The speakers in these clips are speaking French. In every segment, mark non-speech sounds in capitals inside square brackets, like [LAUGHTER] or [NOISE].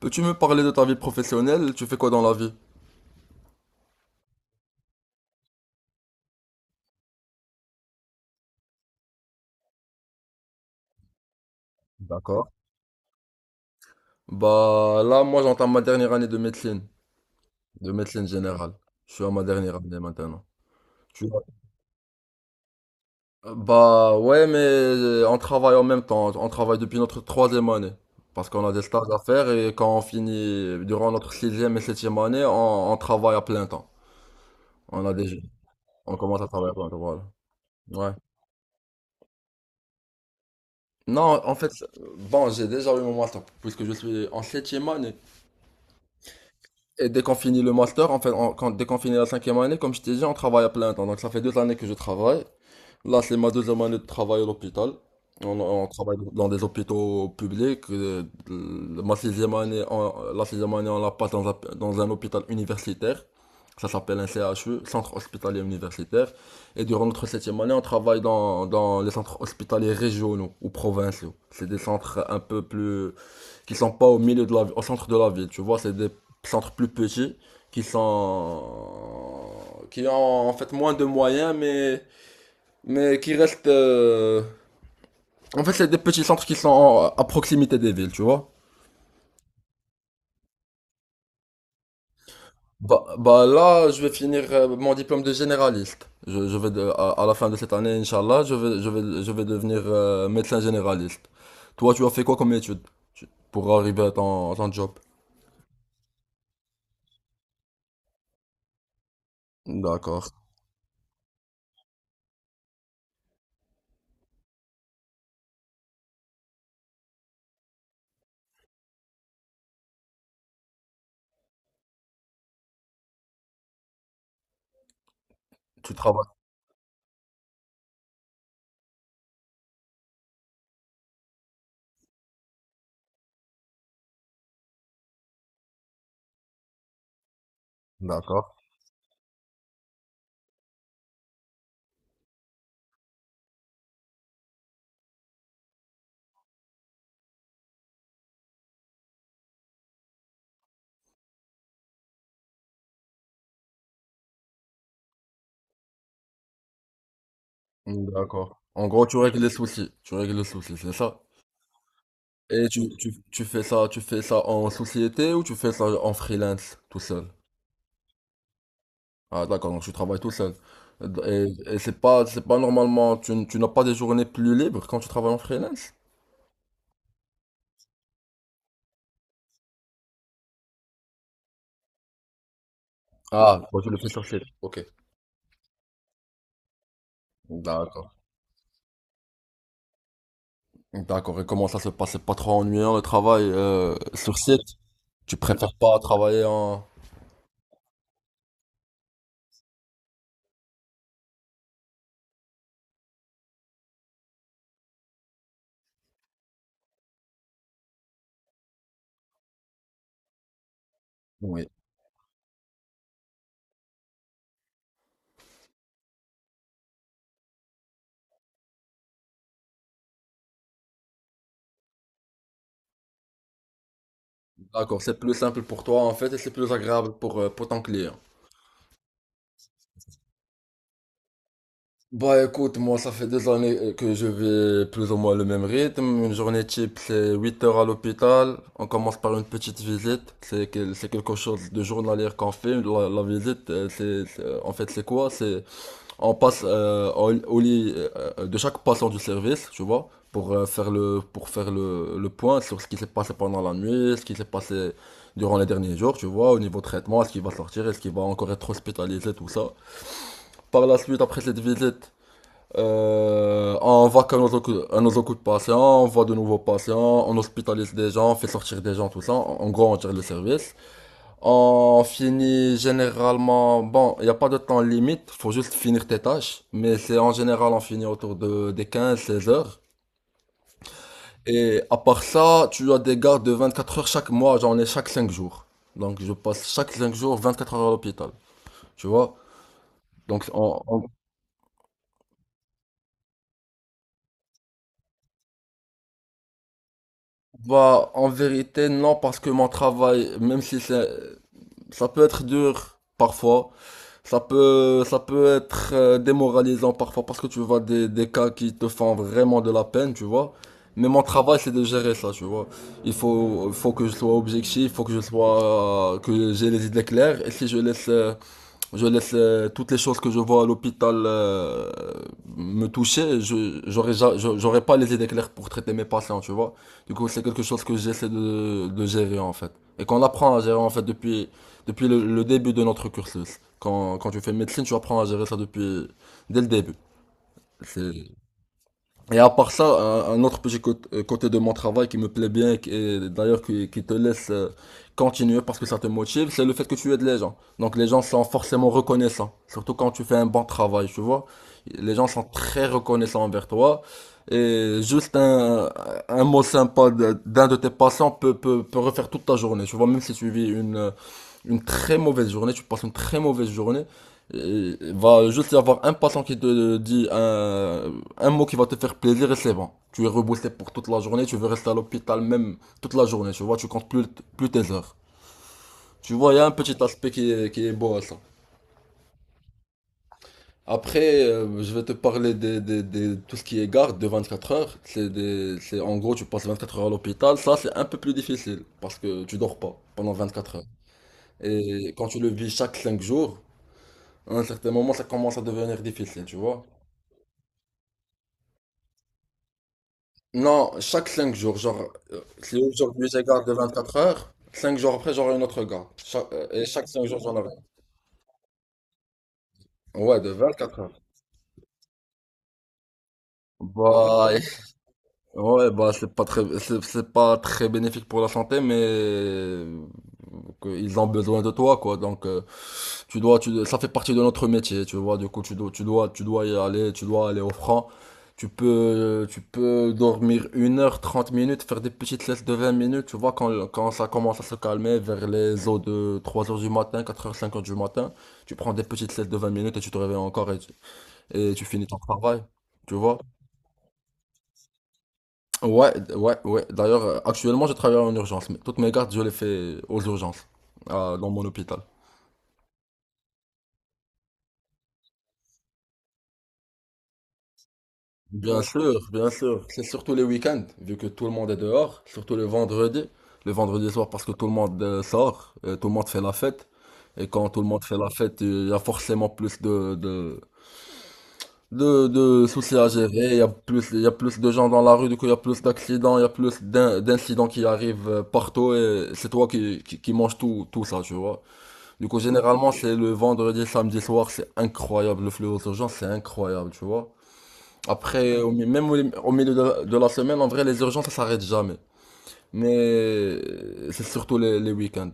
Peux-tu me parler de ta vie professionnelle? Tu fais quoi dans la vie? D'accord. Bah là, moi j'entame ma dernière année de médecine générale. Je suis à ma dernière année maintenant. Tu vois? Bah ouais, mais on travaille en même temps. On travaille depuis notre troisième année. Parce qu'on a des stages à faire et quand on finit, durant notre sixième et septième année, on travaille à plein temps. On a déjà, on commence à travailler à plein temps, voilà. Ouais. Non, en fait, bon, j'ai déjà eu mon master puisque je suis en septième année. Et dès qu'on finit le master, en fait, dès qu'on finit la cinquième année, comme je t'ai dit, on travaille à plein temps. Donc ça fait 2 années que je travaille. Là, c'est ma deuxième année de travail à l'hôpital. On travaille dans des hôpitaux publics. Ma sixième année, la sixième année, on la passe dans un hôpital universitaire. Ça s'appelle un CHU, Centre Hospitalier Universitaire. Et durant notre septième année, on travaille dans les centres hospitaliers régionaux ou provinciaux. C'est des centres un peu plus qui sont pas au centre de la ville, tu vois, c'est des centres plus petits qui sont qui ont en fait moins de moyens mais qui restent en fait c'est des petits centres qui sont à proximité des villes, tu vois. Bah là, je vais finir mon diplôme de généraliste. À la fin de cette année, Inch'Allah, je vais devenir médecin généraliste. Toi, tu as fait quoi comme étude pour arriver à ton, job? D'accord. Tu travailles. D'accord. Mm, d'accord. En gros, tu règles les soucis. Tu règles les soucis, c'est ça? Et tu fais ça en société ou tu fais ça en freelance, tout seul? Ah, d'accord, donc tu travailles tout seul. Et c'est pas normalement, tu n'as pas des journées plus libres quand tu travailles en freelance? Ah, bon, tu le fais sur site. Ok. D'accord. D'accord. Et comment ça se passe? C'est pas trop ennuyant le travail sur site? Tu préfères pas travailler en. Oui. D'accord, c'est plus simple pour toi en fait et c'est plus agréable pour ton client. Bah écoute, moi ça fait des années que je vais plus ou moins le même rythme. Une journée type, c'est 8 heures à l'hôpital. On commence par une petite visite. C'est quelque chose de journalier qu'on fait. La visite, en fait c'est quoi? C'est on passe au lit de chaque patient du service, tu vois, pour faire le pour faire le point sur ce qui s'est passé pendant la nuit, ce qui s'est passé durant les derniers jours, tu vois, au niveau traitement, est-ce qu'il va sortir, est-ce qu'il va encore être hospitalisé, tout ça. Par la suite, après cette visite, on va qu'à nos, à nos occupe patients on voit de nouveaux patients, on hospitalise des gens, on fait sortir des gens, tout ça. En gros, on tire le service. On finit généralement, bon, il n'y a pas de temps limite, faut juste finir tes tâches. Mais c'est en général, on finit autour des 15 16 heures. Et à part ça, tu as des gardes de 24 heures chaque mois, j'en ai chaque 5 jours. Donc je passe chaque 5 jours 24 heures à l'hôpital, tu vois. Donc bah, en vérité, non, parce que mon travail, même si c'est ça peut être dur parfois, ça peut être démoralisant parfois parce que tu vois des cas qui te font vraiment de la peine, tu vois. Mais mon travail, c'est de gérer ça, tu vois. Il faut que je sois objectif, il faut que je sois, que j'ai les idées claires. Et si je laisse toutes les choses que je vois à l'hôpital me toucher. Je j'aurais ja- je- j'aurais pas les idées claires pour traiter mes patients, tu vois. Du coup, c'est quelque chose que j'essaie de gérer en fait. Et qu'on apprend à gérer en fait depuis le début de notre cursus. Quand tu fais médecine, tu apprends à gérer ça depuis dès le début. C'est Et à part ça, un autre petit côté, de mon travail qui me plaît bien, et d'ailleurs qui te laisse continuer parce que ça te motive, c'est le fait que tu aides les gens. Donc les gens sont forcément reconnaissants, surtout quand tu fais un bon travail, tu vois. Les gens sont très reconnaissants envers toi. Et juste un mot sympa d'un de tes passants peut refaire toute ta journée, tu vois, même si tu vis une très mauvaise journée, tu passes une très mauvaise journée. Et il va juste y avoir un patron qui te dit un mot qui va te faire plaisir et c'est bon. Tu es reboosté pour toute la journée, tu veux rester à l'hôpital même toute la journée, tu vois, tu comptes plus tes heures. Tu vois, il y a un petit aspect qui est beau à ça. Après, je vais te parler de tout ce qui est garde de 24 heures. En gros, tu passes 24 heures à l'hôpital. Ça, c'est un peu plus difficile parce que tu dors pas pendant 24 heures. Et quand tu le vis chaque 5 jours, à un certain moment, ça commence à devenir difficile, tu vois. Non, chaque 5 jours, genre, si aujourd'hui j'ai garde de 24 heures, 5 jours après j'aurai une autre garde. Et chaque 5 jours j'en aurai une. Ouais, de 24 heures. Bah, [LAUGHS] ouais, bah c'est pas très bénéfique pour la santé, mais que ils ont besoin de toi, quoi. Donc, ça fait partie de notre métier, tu vois. Du coup, tu dois y aller, tu dois aller au franc. Tu peux dormir 1 heure, 30 minutes, faire des petites siestes de 20 minutes, tu vois, quand ça commence à se calmer vers les eaux de 3 heures du matin, 4 heures, 5 heures du matin, tu prends des petites siestes de 20 minutes et tu te réveilles encore et tu finis ton travail, tu vois. Ouais, ouais, ouais. D'ailleurs, actuellement, je travaille en urgence, mais toutes mes gardes, je les fais aux urgences, dans mon hôpital. Bien sûr, bien sûr. C'est surtout les week-ends, vu que tout le monde est dehors, surtout le vendredi. Le vendredi soir, parce que tout le monde sort, tout le monde fait la fête. Et quand tout le monde fait la fête, il y a forcément plus de soucis à gérer. Il y a plus de gens dans la rue, du coup, il y a plus d'accidents, il y a plus d'incidents qui arrivent partout. Et c'est toi qui manges tout, tout ça, tu vois. Du coup, généralement, c'est le vendredi, samedi soir, c'est incroyable. Le flux aux urgences, c'est incroyable, tu vois. Après, même au milieu de la semaine, en vrai, les urgences, ça s'arrête jamais. Mais c'est surtout les week-ends.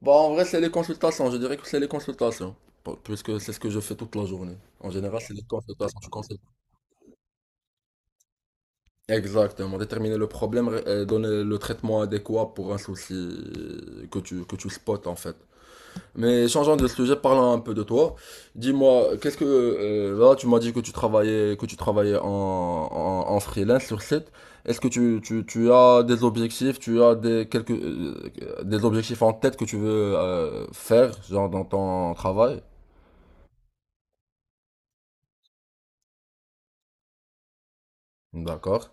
Bah, en vrai, c'est les consultations. Je dirais que c'est les consultations. Puisque c'est ce que je fais toute la journée. En général, c'est les consultations. Tu consultes. Exactement. Déterminer le problème, donner le traitement adéquat pour un souci que tu spots, en fait. Mais changeons de sujet, parlons un peu de toi. Dis-moi, qu'est-ce que là tu m'as dit que tu travaillais en, en freelance sur site. Est-ce que tu as des objectifs, tu as des objectifs en tête que tu veux faire genre dans ton travail? D'accord.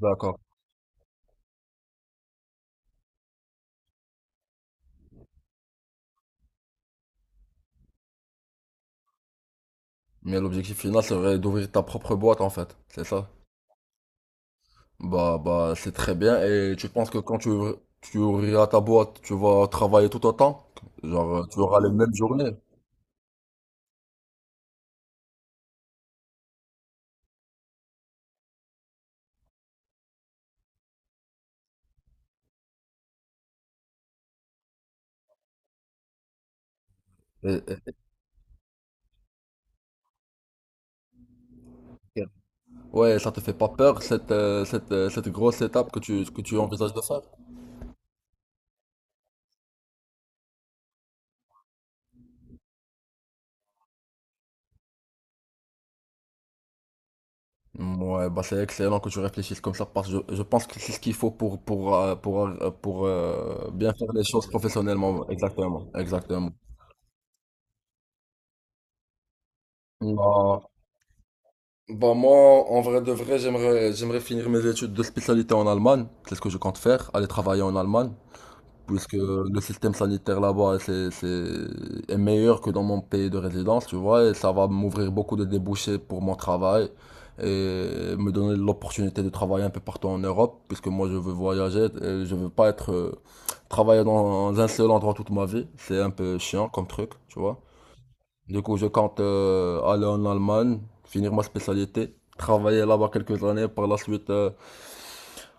D'accord. Mais l'objectif final serait d'ouvrir ta propre boîte en fait, c'est ça? Bah c'est très bien et tu penses que quand tu ouvriras ta boîte, tu vas travailler tout autant? Genre tu auras les mêmes journées? Ouais, ça te fait pas peur cette grosse étape que tu envisages de faire? Ouais, bah c'est excellent que tu réfléchisses comme ça parce que je pense que c'est ce qu'il faut pour, bien faire les choses professionnellement. Exactement, exactement. Bah, bah moi, en vrai de vrai, j'aimerais finir mes études de spécialité en Allemagne. C'est ce que je compte faire, aller travailler en Allemagne. Puisque le système sanitaire là-bas est meilleur que dans mon pays de résidence, tu vois, et ça va m'ouvrir beaucoup de débouchés pour mon travail et me donner l'opportunité de travailler un peu partout en Europe, puisque moi je veux voyager, et je veux pas être travailler dans un seul endroit toute ma vie, c'est un peu chiant comme truc, tu vois. Du coup, je compte aller en Allemagne, finir ma spécialité, travailler là-bas quelques années, par la suite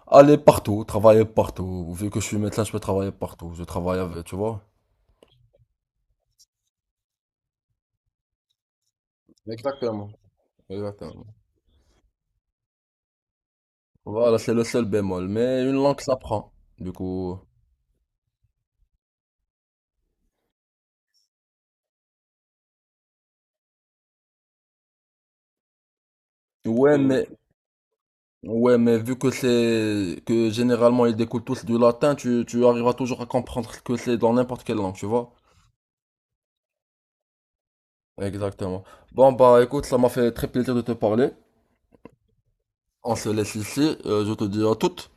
aller partout, travailler partout. Vu que je suis médecin, je peux travailler partout. Je travaille avec, tu vois. Exactement. Exactement. Voilà, c'est le seul bémol. Mais une langue s'apprend. Du coup. Ouais, hmm. Mais, ouais, mais vu que c'est que généralement ils découlent tous du latin, tu arriveras toujours à comprendre ce que c'est dans n'importe quelle langue, tu vois? Exactement. Bon, bah écoute, ça m'a fait très plaisir de te parler. On se laisse ici. Je te dis à toutes.